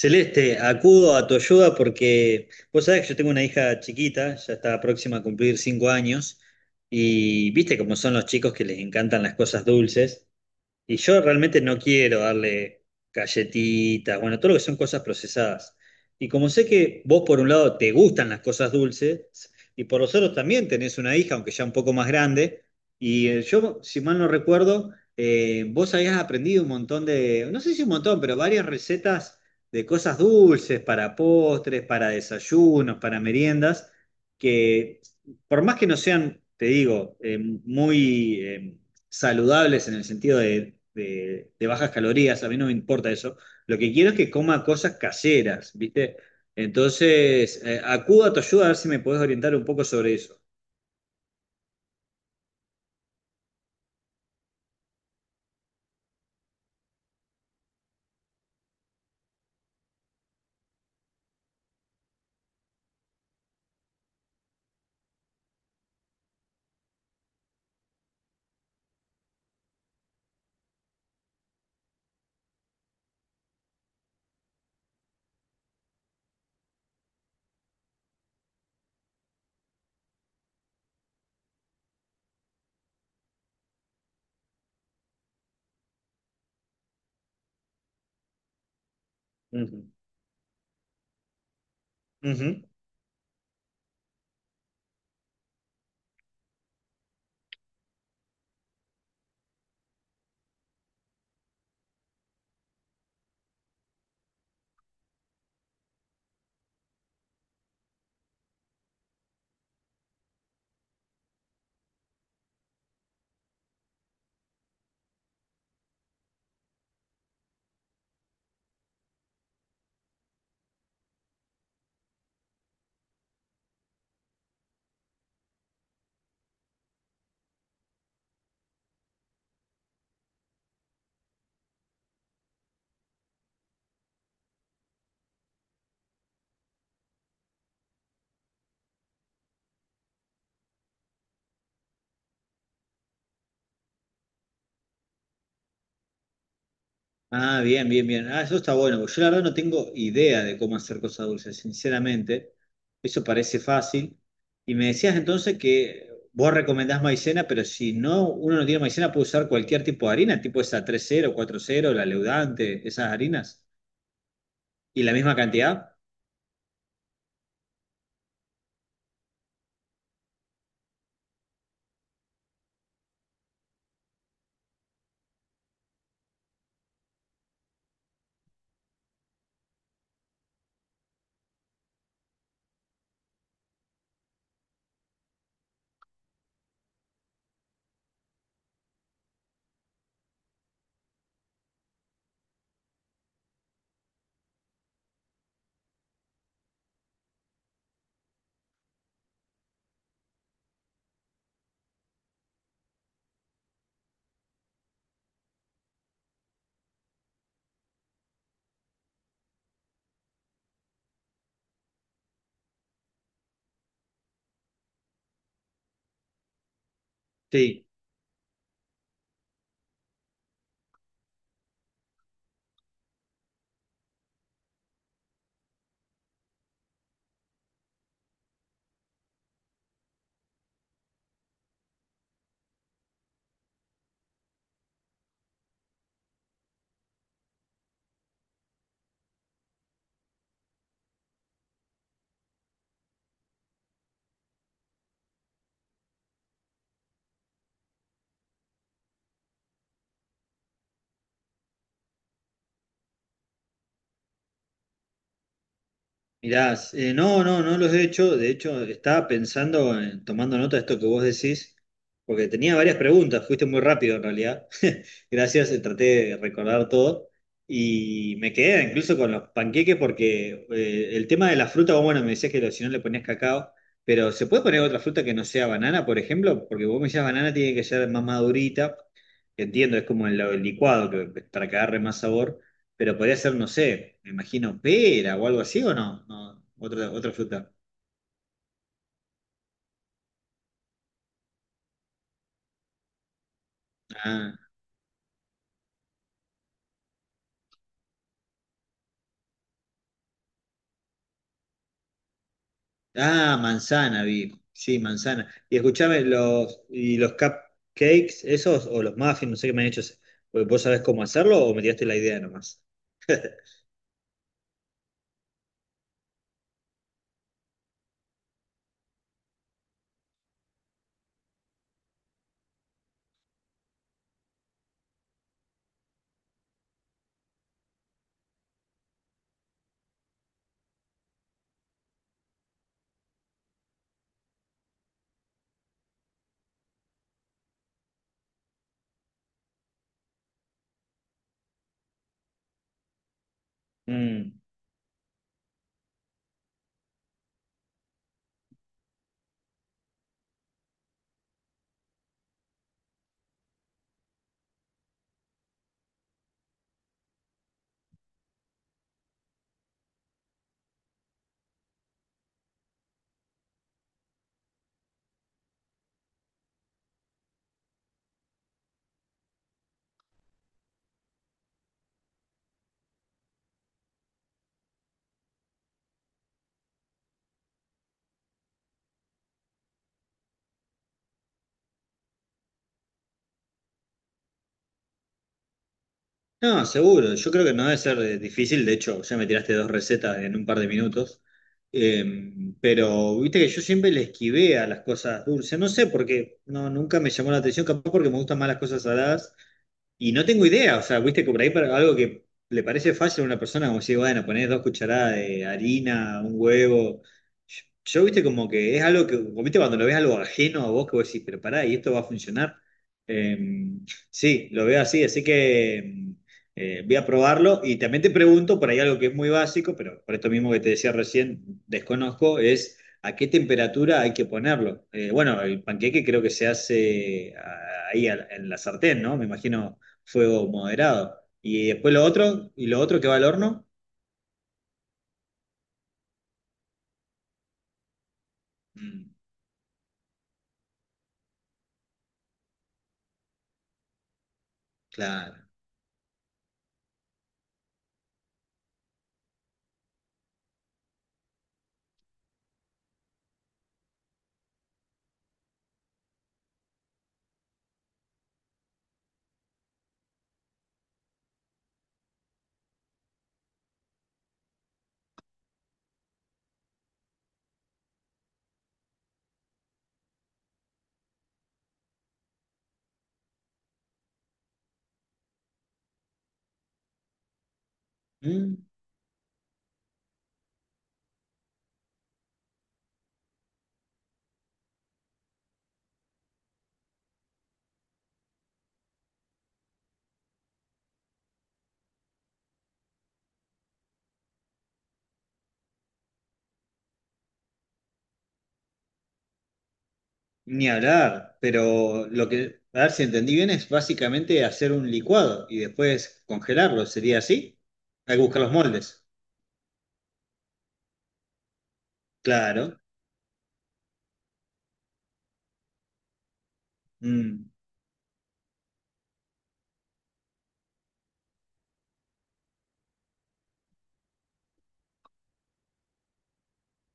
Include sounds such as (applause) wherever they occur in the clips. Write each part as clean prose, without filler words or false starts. Celeste, acudo a tu ayuda porque vos sabés que yo tengo una hija chiquita, ya está próxima a cumplir 5 años, y viste cómo son los chicos que les encantan las cosas dulces. Y yo realmente no quiero darle galletitas, bueno, todo lo que son cosas procesadas. Y como sé que vos por un lado te gustan las cosas dulces y por los otros también tenés una hija, aunque ya un poco más grande, y yo, si mal no recuerdo, vos habías aprendido un montón de, no sé si un montón, pero varias recetas de cosas dulces para postres, para desayunos, para meriendas, que por más que no sean, te digo, muy saludables en el sentido de bajas calorías, a mí no me importa eso. Lo que quiero es que coma cosas caseras, ¿viste? Entonces, acudo a tu ayuda a ver si me podés orientar un poco sobre eso. Ujú. Ujú. Ah, bien, bien, bien. Ah, eso está bueno, porque yo la verdad no tengo idea de cómo hacer cosas dulces, sinceramente. Eso parece fácil. Y me decías entonces que vos recomendás maicena, pero si no, uno no tiene maicena, puede usar cualquier tipo de harina, tipo esa tres cero cuatro cero la leudante, esas harinas. ¿Y la misma cantidad? Sí, mirá, no, no, no los he hecho. De hecho, estaba pensando, tomando nota de esto que vos decís, porque tenía varias preguntas. Fuiste muy rápido en realidad. (laughs) Gracias, traté de recordar todo. Y me quedé incluso con los panqueques porque el tema de la fruta, vos, bueno, me decías que si no le ponías cacao, pero ¿se puede poner otra fruta que no sea banana, por ejemplo? Porque vos me decías banana tiene que ser más madurita. Entiendo, es como el licuado que, para que agarre más sabor. Pero podría ser, no sé, me imagino pera o algo así, ¿o no? No, otra fruta. Ah, ah, manzana, vi. Sí, manzana. Y escuchame, los, y los cupcakes, esos, o los muffins, no sé qué me han hecho. ¿Vos sabés cómo hacerlo o me tiraste la idea nomás? Mm. No, seguro. Yo creo que no debe ser difícil. De hecho, ya me tiraste dos recetas en un par de minutos. Pero viste que yo siempre le esquivé a las cosas dulces. No sé por qué. No, nunca me llamó la atención. Capaz porque me gustan más las cosas saladas. Y no tengo idea, o sea, viste que por ahí para algo que le parece fácil a una persona, como si, bueno, ponés 2 cucharadas de harina, un huevo. Viste, como que es algo que, como viste, cuando lo ves algo ajeno a vos, que vos decís, pero pará, y esto va a funcionar. Eh, sí, lo veo así, así que voy a probarlo. Y también te pregunto, por ahí algo que es muy básico, pero por esto mismo que te decía recién, desconozco, es. ¿A qué temperatura hay que ponerlo? Bueno, el panqueque creo que se hace ahí en la sartén, ¿no? Me imagino fuego moderado. Y después lo otro, y lo otro que va al horno. Mm, claro. Mm, ni hablar, pero lo que, a ver si entendí bien, es básicamente hacer un licuado y después congelarlo, ¿sería así? Hay que buscar los moldes, claro. Mm,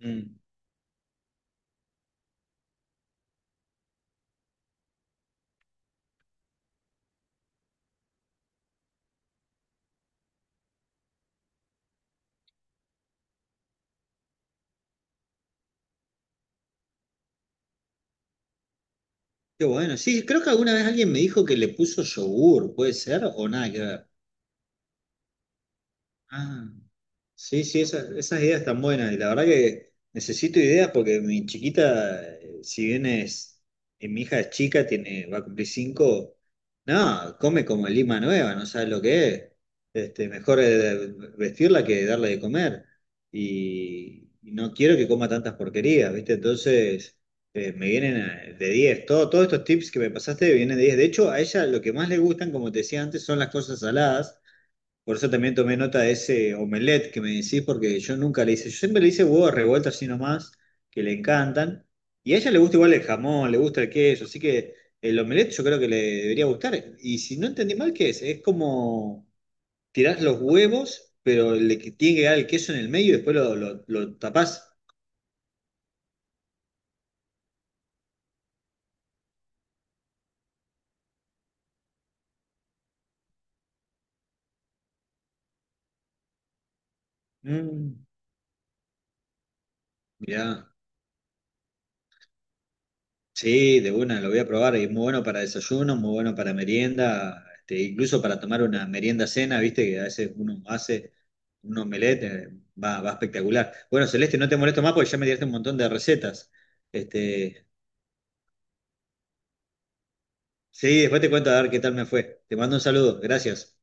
mm. Qué bueno, sí, creo que alguna vez alguien me dijo que le puso yogur, ¿puede ser? O nada que ver. Ah. Sí, sí, esas, esas ideas están buenas. Y la verdad que necesito ideas porque mi chiquita, si bien es, mi hija es chica, tiene, va a cumplir 5, no, come como lima nueva, no sabes lo que es. Este, mejor vestirla que darle de comer. Y no quiero que coma tantas porquerías, ¿viste? Entonces, me vienen de diez. Todos estos tips que me pasaste vienen de 10. De hecho, a ella lo que más le gustan, como te decía antes, son las cosas saladas. Por eso también tomé nota de ese omelette que me decís, porque yo nunca le hice, yo siempre le hice huevos revueltos así nomás, que le encantan. Y a ella le gusta igual el jamón, le gusta el queso, así que el omelette yo creo que le debería gustar. Y si no entendí mal, ¿qué es? Es como tirás los huevos, pero le tiene que quedar el queso en el medio y después lo, lo tapás. Mm, mirá. Sí, de una, lo voy a probar. Y es muy bueno para desayuno, muy bueno para merienda, este, incluso para tomar una merienda cena, viste, que a veces uno hace un omelette, va espectacular. Bueno, Celeste, no te molesto más porque ya me diste un montón de recetas. Este, sí, después te cuento a ver qué tal me fue. Te mando un saludo, gracias.